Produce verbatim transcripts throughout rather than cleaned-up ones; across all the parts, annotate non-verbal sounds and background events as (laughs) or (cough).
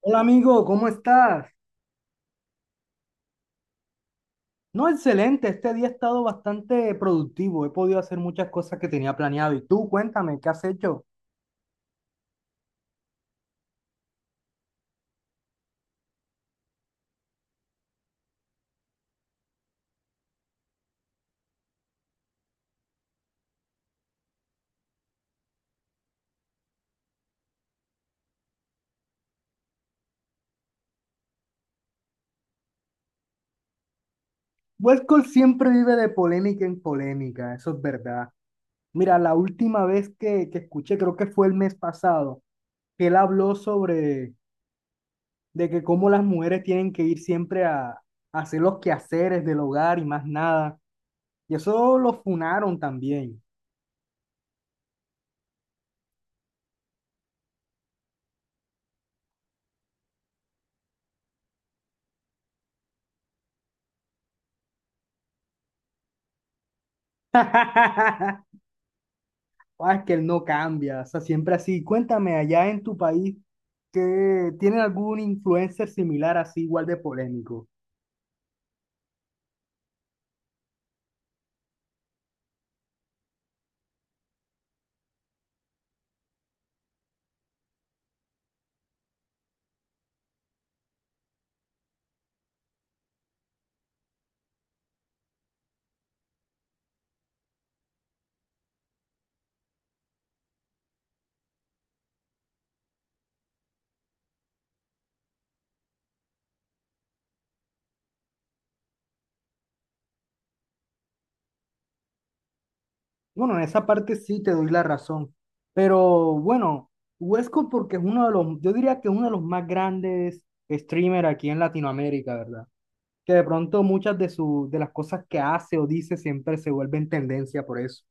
Hola amigo, ¿cómo estás? No, excelente, este día ha estado bastante productivo, he podido hacer muchas cosas que tenía planeado. Y tú, cuéntame, ¿qué has hecho? Westcol siempre vive de polémica en polémica, eso es verdad. Mira, la última vez que, que escuché, creo que fue el mes pasado, que él habló sobre de que cómo las mujeres tienen que ir siempre a, a hacer los quehaceres del hogar y más nada. Y eso lo funaron también. (laughs) Ah, es que él no cambia, o sea, siempre así. Cuéntame, allá en tu país, ¿que tienen algún influencer similar así, igual de polémico? Bueno, en esa parte sí te doy la razón, pero bueno, Huesco porque es uno de los, yo diría que es uno de los más grandes streamers aquí en Latinoamérica, ¿verdad? Que de pronto muchas de, su, de las cosas que hace o dice siempre se vuelven tendencia por eso.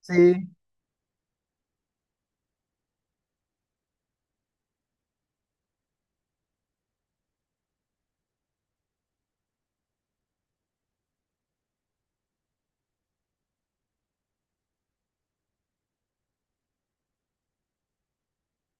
Sí.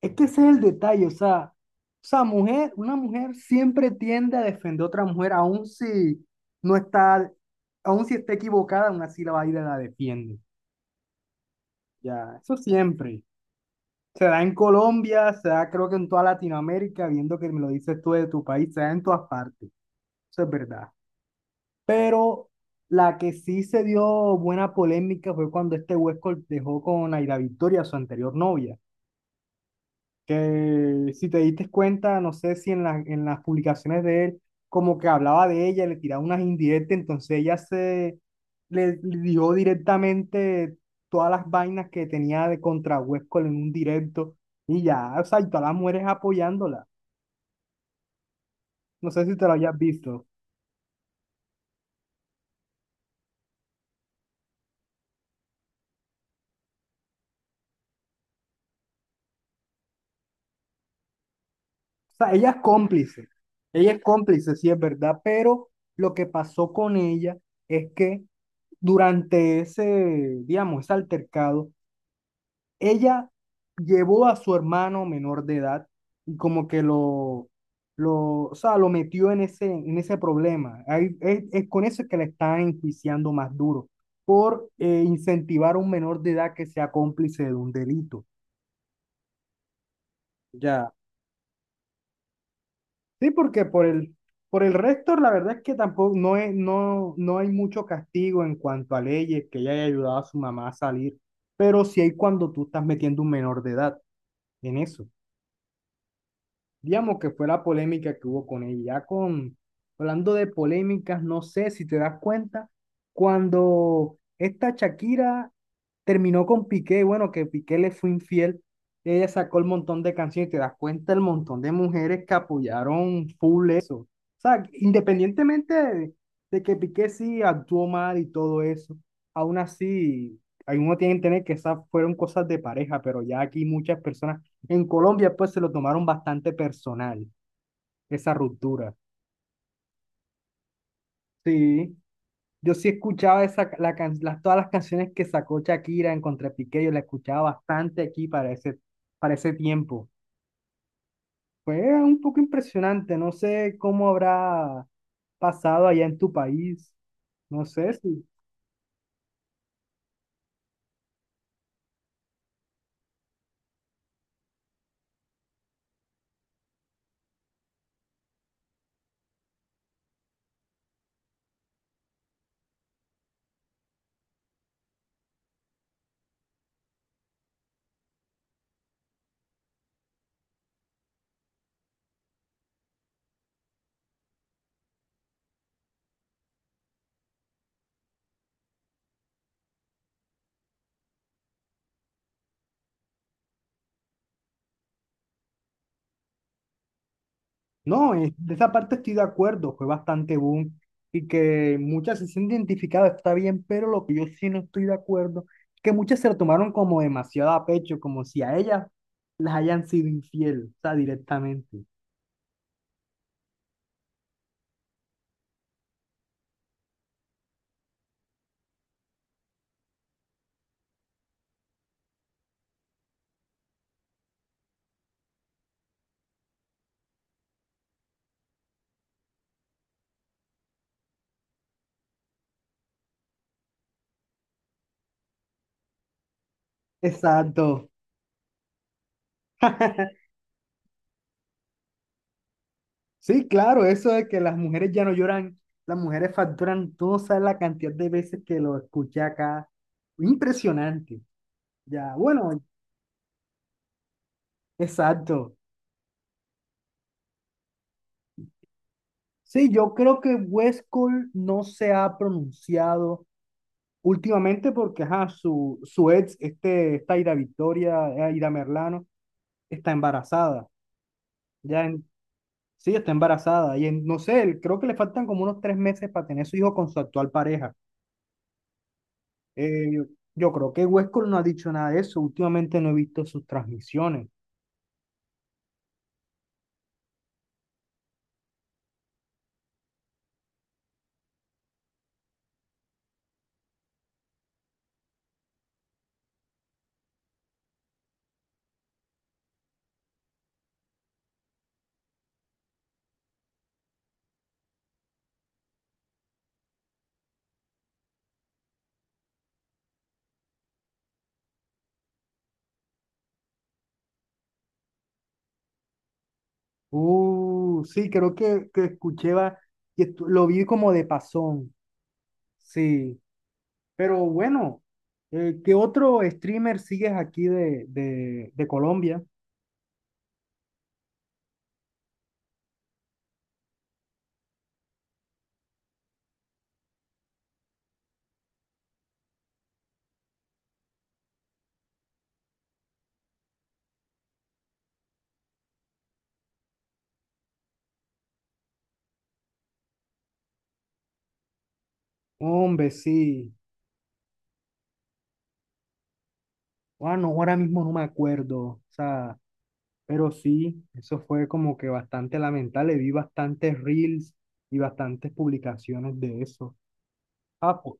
Es que ese es el detalle, o sea, o sea, mujer, una mujer siempre tiende a defender a otra mujer, aun si no está, aun si está equivocada, aún así la va a ir y la defiende. Ya, eso siempre. Se da en Colombia, se da creo que en toda Latinoamérica, viendo que me lo dices tú de tu país, se da en todas partes. Eso es verdad. Pero la que sí se dio buena polémica fue cuando este Huesco dejó con Aida Victoria, su anterior novia. Que si te diste cuenta, no sé si en, la- en las publicaciones de él, como que hablaba de ella, le tiraba unas indirectas, entonces ella se le dio directamente todas las vainas que tenía de contra Huesco en un directo y ya, o sea, y todas las mujeres apoyándola. No sé si te lo hayas visto. O sea, ella es cómplice, ella es cómplice, sí es verdad, pero lo que pasó con ella es que durante ese, digamos, ese altercado, ella llevó a su hermano menor de edad y como que lo, lo, o sea, lo metió en ese, en ese problema. Ahí- es, es con eso que le están enjuiciando más duro, por eh, incentivar a un menor de edad que sea cómplice de un delito. Ya. Sí, porque por el, por el resto, la verdad es que tampoco no, es, no, no hay mucho castigo en cuanto a leyes que ella haya ayudado a su mamá a salir, pero sí hay cuando tú estás metiendo un menor de edad en eso. Digamos que fue la polémica que hubo con ella. Ya con, hablando de polémicas, no sé si te das cuenta, cuando esta Shakira terminó con Piqué, bueno, que Piqué le fue infiel, ella sacó el montón de canciones, te das cuenta el montón de mujeres que apoyaron full eso. O sea, independientemente de, de que Piqué sí actuó mal y todo eso, aún así, algunos tienen que tener que esas fueron cosas de pareja, pero ya aquí muchas personas en Colombia, pues se lo tomaron bastante personal, esa ruptura. Sí, yo sí escuchaba esa, la can- las, todas las canciones que sacó Shakira en Contra Piqué, yo la escuchaba bastante aquí para ese, para ese tiempo. Fue un poco impresionante, no sé cómo habrá pasado allá en tu país, no sé si. No, eh, de esa parte estoy de acuerdo, fue bastante boom y que muchas se sienten identificadas, está bien, pero lo que yo sí no estoy de acuerdo, que muchas se lo tomaron como demasiado a pecho, como si a ellas las hayan sido infiel, o sea, directamente. Exacto. (laughs) Sí, claro, eso de que las mujeres ya no lloran, las mujeres facturan, tú no sabes la cantidad de veces que lo escuché acá. Impresionante. Ya, bueno, exacto. Sí, yo creo que West Cole no se ha pronunciado últimamente porque ajá, su, su ex, este, esta Aira Victoria, eh, Aira Merlano, está embarazada. Ya en- sí, está embarazada. Y en- no sé, él- creo que le faltan como unos tres meses para tener su hijo con su actual pareja. Eh, yo, yo creo que West Cole no ha dicho nada de eso. Últimamente no he visto sus transmisiones. Uh, sí, creo que, que escuché, va- que estu- lo vi como de pasón. Sí. Pero bueno, eh, ¿qué otro streamer sigues aquí de, de, de Colombia? Hombre, sí. Bueno, ahora mismo no me acuerdo. O sea, pero sí, eso fue como que bastante lamentable. Vi bastantes reels y bastantes publicaciones de eso. Ah, pues,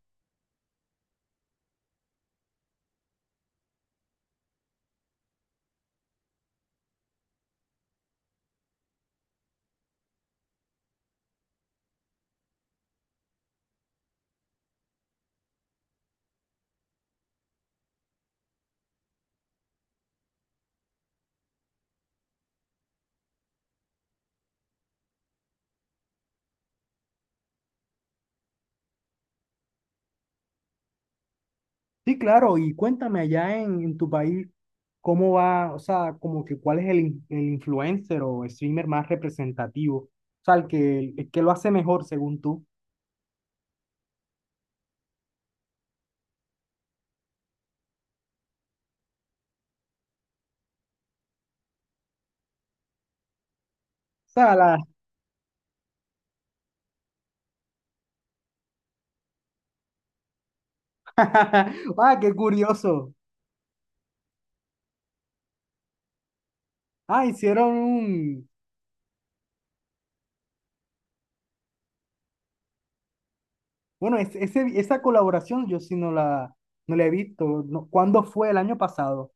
sí, claro. Y cuéntame allá en, en tu país, ¿cómo va? O sea, como que cuál es el, in- el influencer o streamer más representativo. O sea, el que, el que lo hace mejor según tú. O sea, la, (laughs) ah, qué curioso. Ah, hicieron un... Bueno, es- ese, esa colaboración yo sí no la, no la he visto. No, ¿cuándo fue? El año pasado.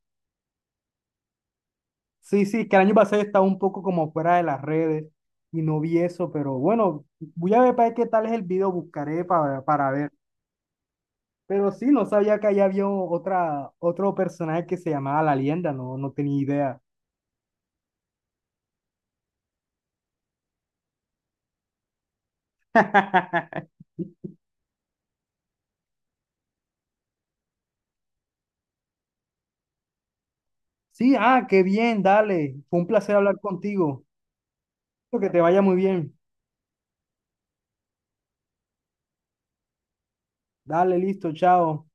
Sí, sí, que el año pasado estaba un poco como fuera de las redes y no vi eso, pero bueno, voy a ver para ver qué tal es el video, buscaré para, para ver. Pero sí, no sabía que allá había otra, otro personaje que se llamaba La Lienda, no, no tenía idea. (laughs) Sí, ah, qué bien, dale. Fue un placer hablar contigo. Espero que te vaya muy bien. Dale, listo, chao.